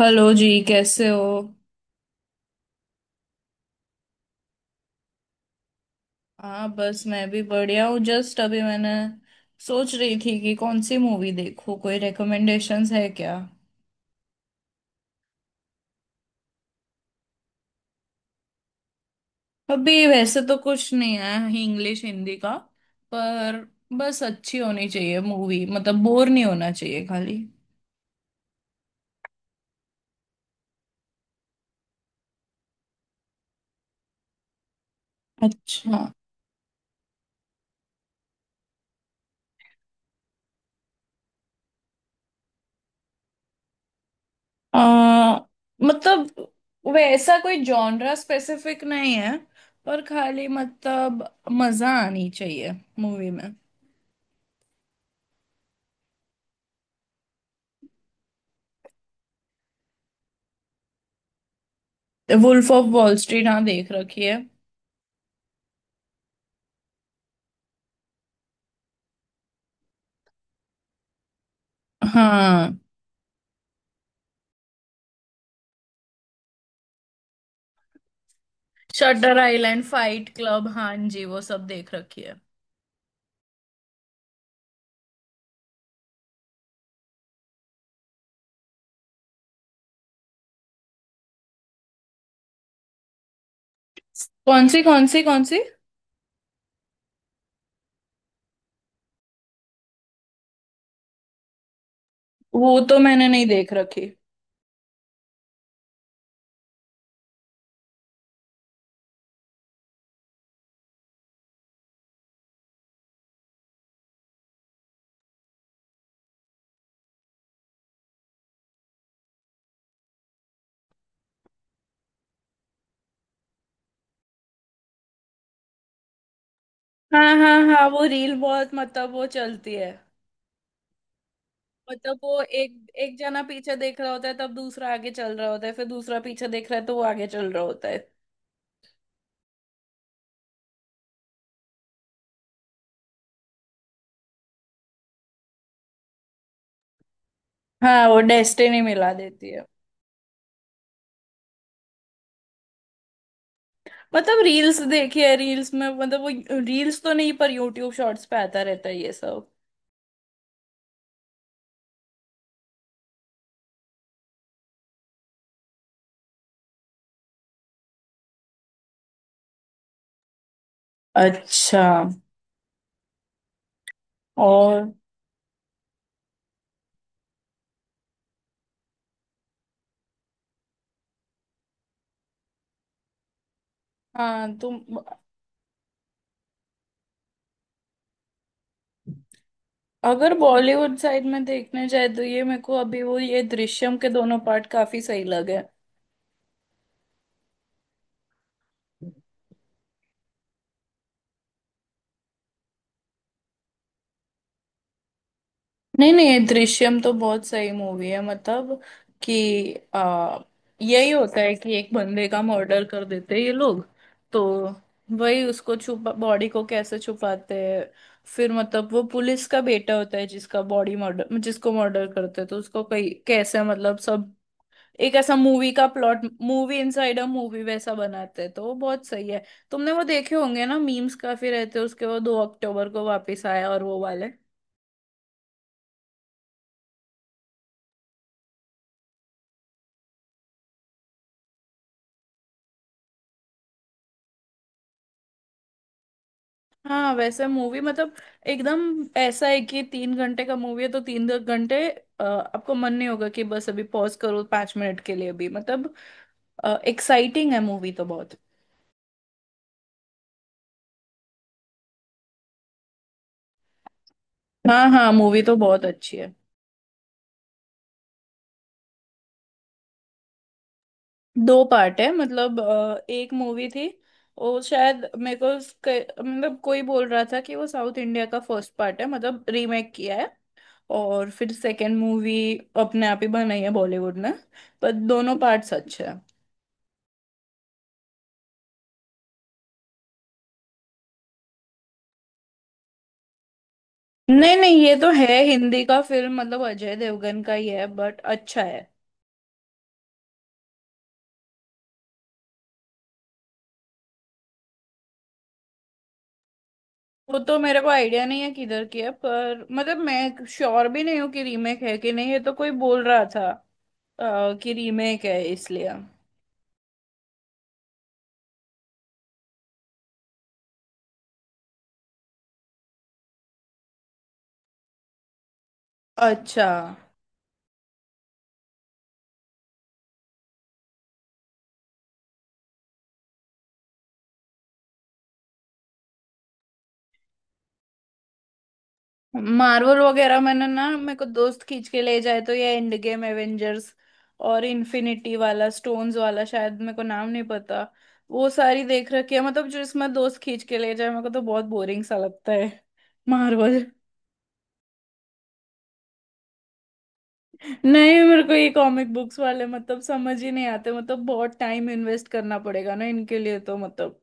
Hello जी कैसे हो। हाँ बस मैं भी बढ़िया हूँ। जस्ट अभी मैंने सोच रही थी कि कौन सी मूवी देखूँ, कोई रिकमेंडेशंस है क्या। अभी वैसे तो कुछ नहीं है इंग्लिश हिंदी का, पर बस अच्छी होनी चाहिए मूवी, मतलब बोर नहीं होना चाहिए खाली। अच्छा। आ, मतलब वैसा कोई जॉनरा स्पेसिफिक नहीं है, पर खाली मतलब मजा आनी चाहिए मूवी में। वुल्फ ऑफ वॉल स्ट्रीट, हाँ देख रखी है। हाँ। शटर आइलैंड, फाइट क्लब, हाँ जी वो सब देख रखी है। कौन सी कौन सी कौन सी? वो तो मैंने नहीं देख रखी। हाँ हाँ हाँ, वो रील बहुत, मतलब वो चलती है। मतलब वो एक एक जना पीछे देख रहा होता है तब दूसरा आगे चल रहा होता है, फिर दूसरा पीछे देख रहा है तो वो आगे चल रहा होता है। हाँ, वो डेस्टिनी मिला देती है। मतलब रील्स देखी है, रील्स में मतलब वो, रील्स तो नहीं पर यूट्यूब शॉर्ट्स पे आता रहता है ये सब। अच्छा। और हाँ तुम। अगर बॉलीवुड साइड में देखने जाए तो ये मेरे को अभी वो ये दृश्यम के दोनों पार्ट काफी सही लगे। नहीं नहीं, ये दृश्यम तो बहुत सही मूवी है। मतलब कि आ, यही होता है कि एक बंदे का मर्डर कर देते हैं ये लोग, तो वही उसको छुपा, बॉडी को कैसे छुपाते हैं, फिर मतलब वो पुलिस का बेटा होता है जिसका बॉडी मर्डर, जिसको मर्डर करते हैं तो उसको कई कैसे मतलब सब। एक ऐसा मूवी का plot, movie inside a movie वैसा बनाते हैं तो वो बहुत सही है। तुमने वो देखे होंगे ना मीम्स काफी रहते हैं उसके, वो 2 अक्टूबर को वापस आया और वो वाले। हाँ वैसे मूवी मतलब एकदम ऐसा है कि 3 घंटे का मूवी है तो 3 घंटे आपको मन नहीं होगा कि बस अभी पॉज करो 5 मिनट के लिए भी, मतलब एक्साइटिंग है मूवी तो बहुत। हाँ हाँ, मूवी तो बहुत अच्छी है। 2 पार्ट है, मतलब एक मूवी थी, वो शायद मेरे को मतलब कोई बोल रहा था कि वो साउथ इंडिया का फर्स्ट पार्ट है, मतलब रीमेक किया है, और फिर सेकंड मूवी अपने आप ही बनाई है बॉलीवुड ने। पर दोनों पार्ट्स अच्छे हैं। नहीं नहीं, ये तो है हिंदी का फिल्म, मतलब अजय देवगन का ही है बट अच्छा है। वो तो मेरे को आइडिया नहीं है किधर की है, पर मतलब मैं श्योर भी नहीं हूँ कि रीमेक है कि नहीं, ये तो कोई बोल रहा था कि रीमेक है इसलिए। अच्छा। मार्वल वगैरह मैंने ना, मेरे को दोस्त खींच के ले जाए तो ये एंड गेम, एवेंजर्स और इन्फिनिटी वाला स्टोन्स वाला, शायद मेरे को नाम नहीं पता, वो सारी देख रखी है। मतलब जो इसमें दोस्त खींच के ले जाए मेरे को, तो बहुत बोरिंग सा लगता है मार्वल। नहीं, मेरे को ये कॉमिक बुक्स वाले मतलब समझ ही नहीं आते, मतलब बहुत टाइम इन्वेस्ट करना पड़ेगा ना इनके लिए, तो मतलब।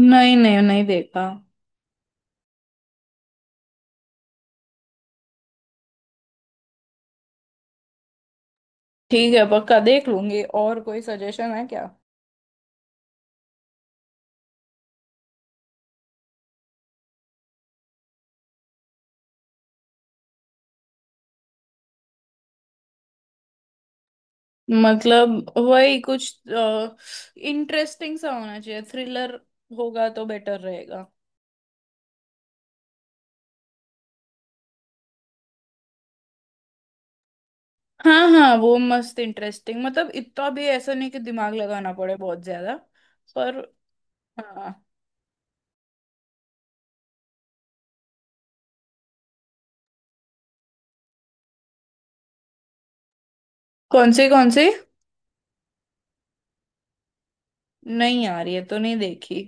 नहीं नहीं नहीं देखा। ठीक है, पक्का देख लूंगी। और कोई सजेशन है क्या? मतलब वही कुछ इंटरेस्टिंग सा होना चाहिए, थ्रिलर होगा तो बेटर रहेगा। हाँ हाँ, वो मस्त इंटरेस्टिंग, मतलब इतना भी ऐसा नहीं कि दिमाग लगाना पड़े बहुत ज्यादा, पर। हाँ। कौन सी कौन सी? नहीं यार, ये तो नहीं देखी।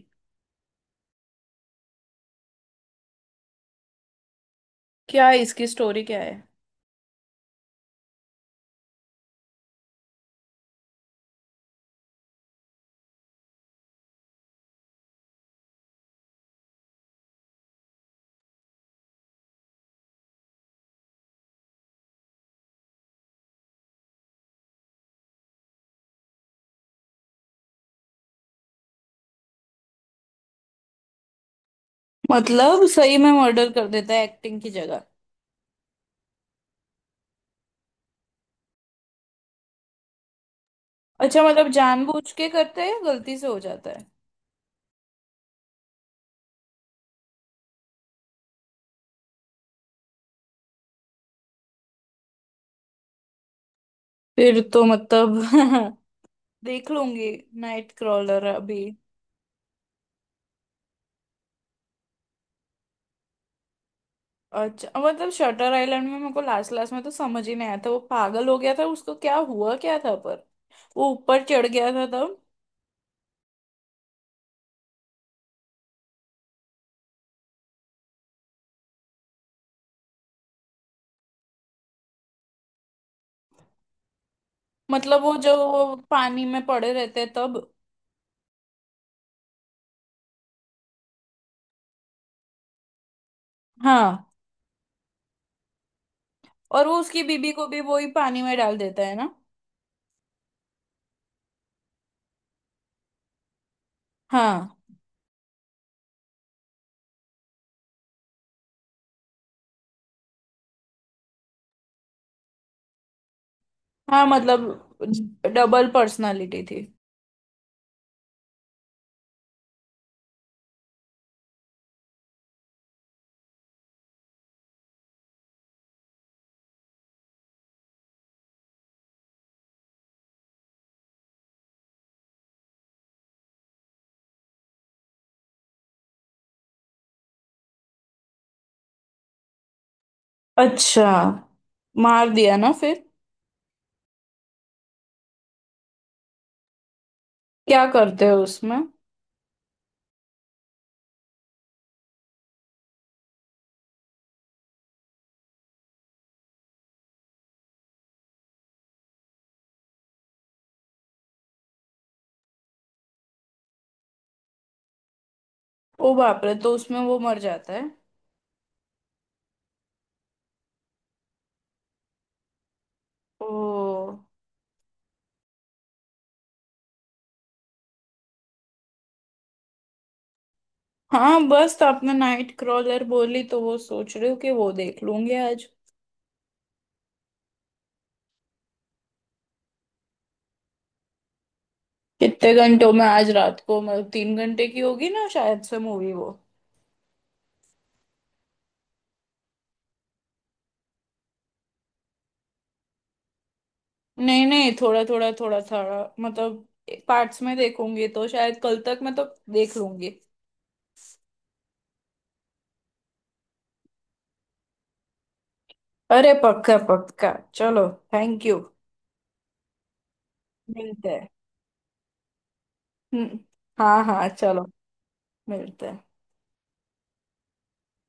क्या है इसकी स्टोरी, क्या है? मतलब सही में मर्डर कर देता है एक्टिंग की जगह? अच्छा, मतलब जानबूझ के करते हैं या गलती से हो जाता है? फिर तो मतलब देख लूंगी नाइट क्रॉलर अभी। अच्छा, मतलब शटर आइलैंड में मेरे को लास्ट लास्ट में तो समझ ही नहीं आया था, वो पागल हो गया था, उसको क्या हुआ क्या था, पर वो ऊपर चढ़ गया था तब। मतलब वो जो वो पानी में पड़े रहते हैं तब? हाँ। और वो उसकी बीबी को भी वही पानी में डाल देता है ना? हाँ। हाँ मतलब डबल पर्सनालिटी थी। अच्छा, मार दिया ना फिर? क्या करते हैं उसमें? ओ बाप रे, तो उसमें वो मर जाता है? ओ। हाँ बस तो आपने नाइट क्रॉलर बोली, तो वो सोच रही हूँ कि वो देख लूंगी आज। कितने घंटों में? आज रात को, मतलब 3 घंटे की होगी ना शायद से मूवी वो। नहीं नहीं, थोड़ा थोड़ा थोड़ा थोड़ा, मतलब पार्ट्स में देखूंगी, तो शायद कल तक मैं तो देख लूंगी। अरे पक्का पक्का, चलो, थैंक यू। मिलते हैं। हम्म, हाँ हाँ चलो। मिलते हैं।